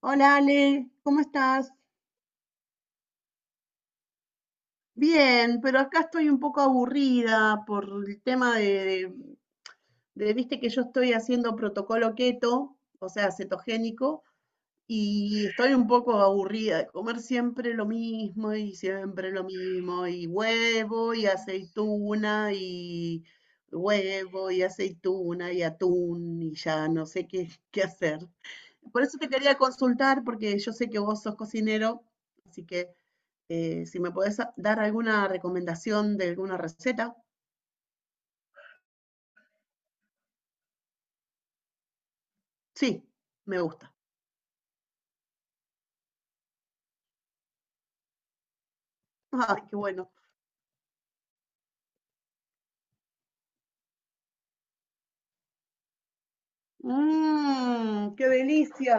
Hola Ale, ¿cómo estás? Bien, pero acá estoy un poco aburrida por el tema de viste que yo estoy haciendo protocolo keto, o sea, cetogénico, y estoy un poco aburrida de comer siempre lo mismo y siempre lo mismo, y huevo y aceituna y huevo y aceituna y atún y ya no sé qué hacer. Por eso te quería consultar, porque yo sé que vos sos cocinero, así que... Si me podés dar alguna recomendación de alguna receta. Sí, me gusta. Ay, qué bueno. Mmm, qué delicia.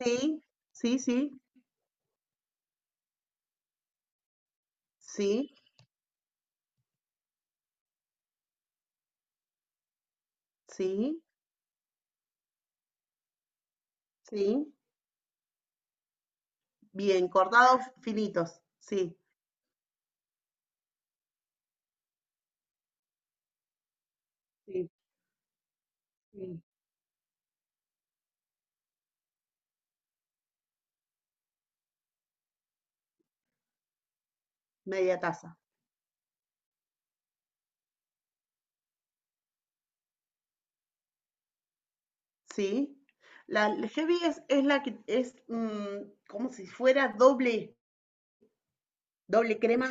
Sí, sí, sí, sí, sí, sí. Bien, cortados finitos. Sí, sí, sí. Media taza. Sí. La el heavy es la que es mm, como si fuera doble, doble crema.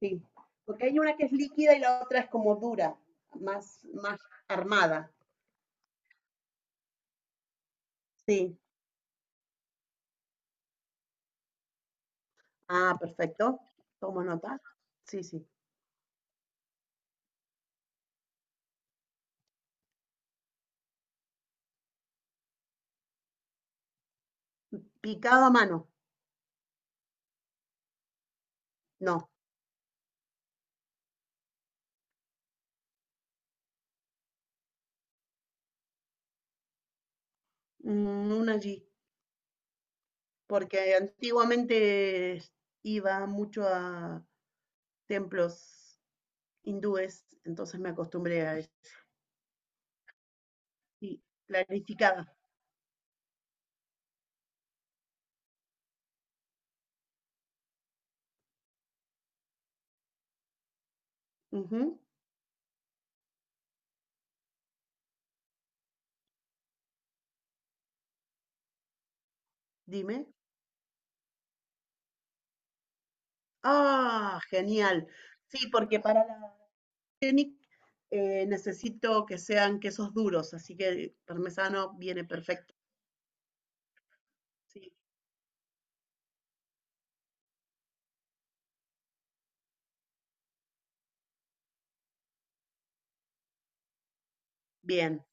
Sí. Porque hay una que es líquida y la otra es como dura, más armada. Sí. Ah, perfecto. Tomo nota. Sí, sí. Picado a mano. No, mm, un allí. Porque antiguamente iba mucho a templos hindúes, entonces me acostumbré a eso. Sí, clarificada. Ujú. Dime. Ah, genial. Sí, porque para la Scenic necesito que sean quesos duros, así que el parmesano viene perfecto. Sí, bien,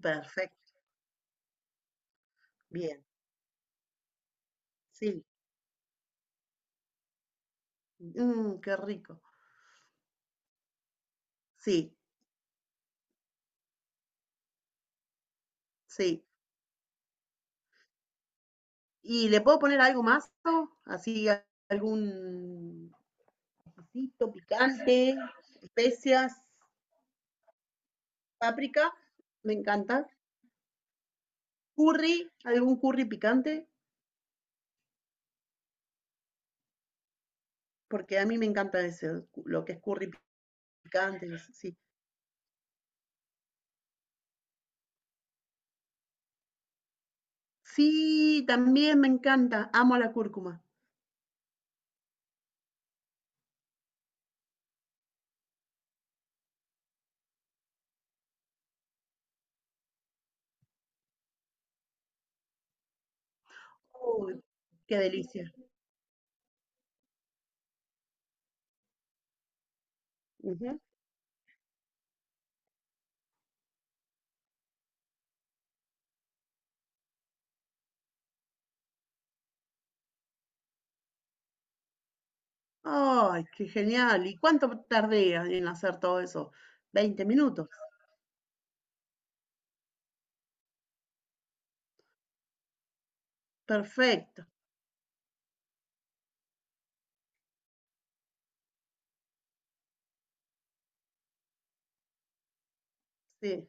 perfecto, bien. Sí, mm, qué rico. Sí, sí. ¿Y le puedo poner algo más? Así, algún ajito picante, especias, páprica, me encanta. Curry, algún curry picante, porque a mí me encanta ese, lo que es curry picante, sí. Sí, también me encanta, amo la cúrcuma. Uy, qué delicia. Ujú. Ay, qué genial. ¿Y cuánto tardé en hacer todo eso? 20 minutos. Perfecto. Sí.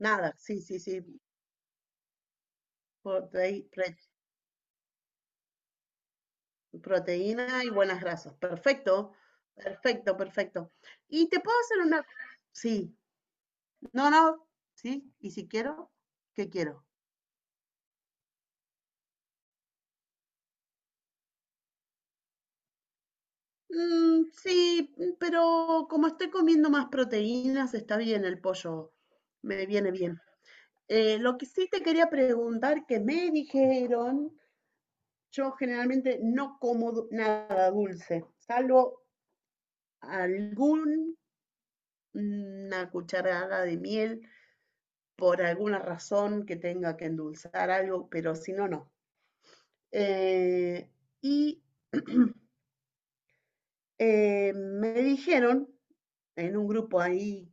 Nada, sí, sí, sí. protei- pre- Proteína y buenas grasas. Perfecto, perfecto, perfecto. Y te puedo hacer una... Sí, no, no, sí. Y si quiero, ¿qué quiero? Mm, sí, mm, pero como estoy comiendo más proteínas, está bien el pollo. Me viene bien. Lo que sí te quería preguntar, que me dijeron, yo generalmente no como nada dulce, salvo algún 1 cucharada de miel por alguna razón que tenga que endulzar algo, pero si no, no. Eh, y me dijeron en un grupo ahí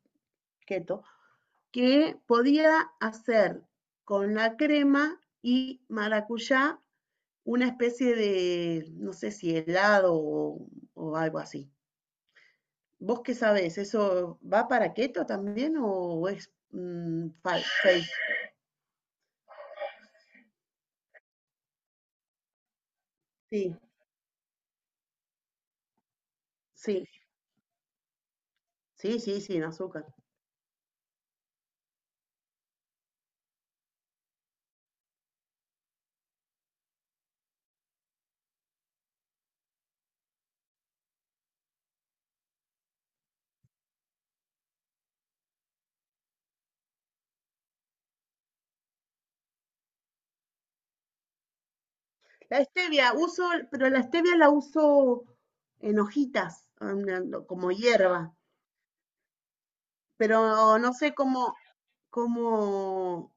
keto que podía hacer con la crema y maracuyá una especie no sé si helado o algo así. ¿Vos qué sabés? ¿Eso va para keto también o es mm, fake? Sí, sí. Sí, sí, sin azúcar. La stevia, uso, pero la stevia la uso en hojitas, como hierba, pero no sé cómo,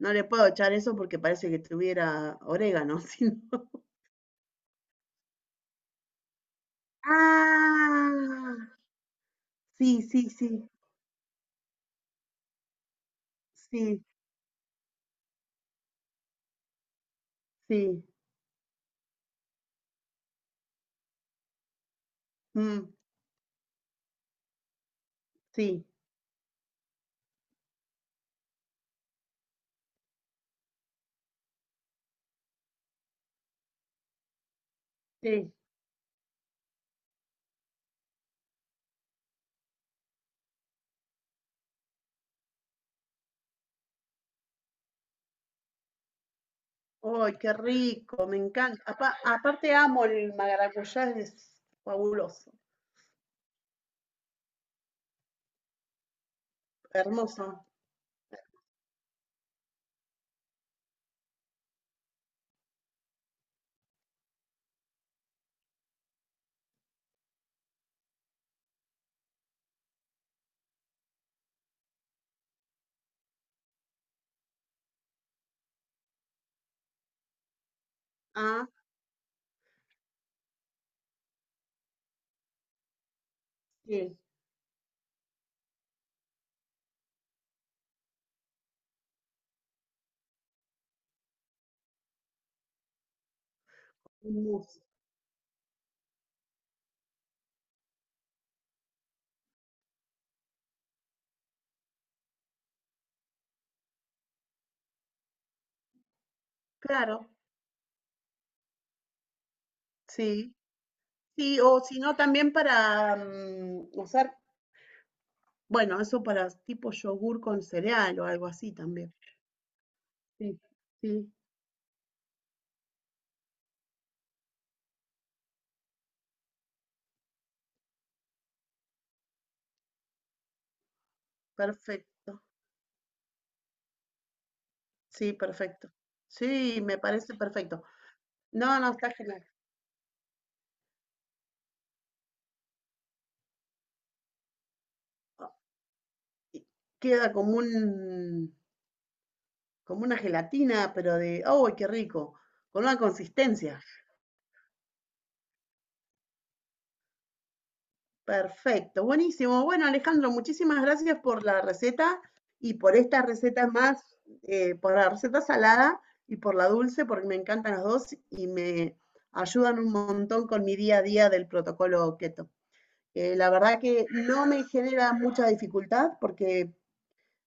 no le puedo echar eso porque parece que tuviera orégano, sino- Ah, sí, sí, sí, sí, sí, mm, sí, sí. ¡Ay, qué rico! Me encanta. Aparte amo el maracuyá, es fabuloso, hermoso. Ah, sí, hermoso. Claro, sí. Sí, o si no, también para mm, usar, bueno, eso para tipo yogur con cereal o algo así también. Sí, sí, perfecto. Sí, perfecto. Sí, me parece perfecto. No, no, está genial. Ah, y queda como un, como una gelatina, pero de, ¡oh, qué rico! Con una consistencia. Perfecto, buenísimo. Bueno, Alejandro, muchísimas gracias por la receta y por esta receta más, por la receta salada y por la dulce, porque me encantan las dos y me ayudan un montón con mi día a día del protocolo keto. La verdad que no me genera mucha dificultad porque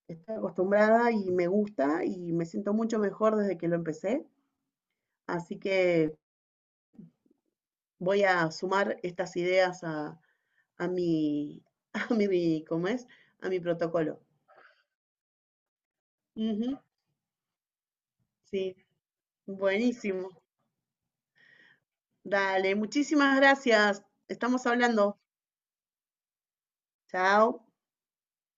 estoy acostumbrada y me gusta y me siento mucho mejor desde que lo empecé. Así que voy a sumar estas ideas a mi, a mi, ¿cómo es? A mi protocolo. Ujú, sí, buenísimo. Dale, muchísimas gracias. Estamos hablando. Chao.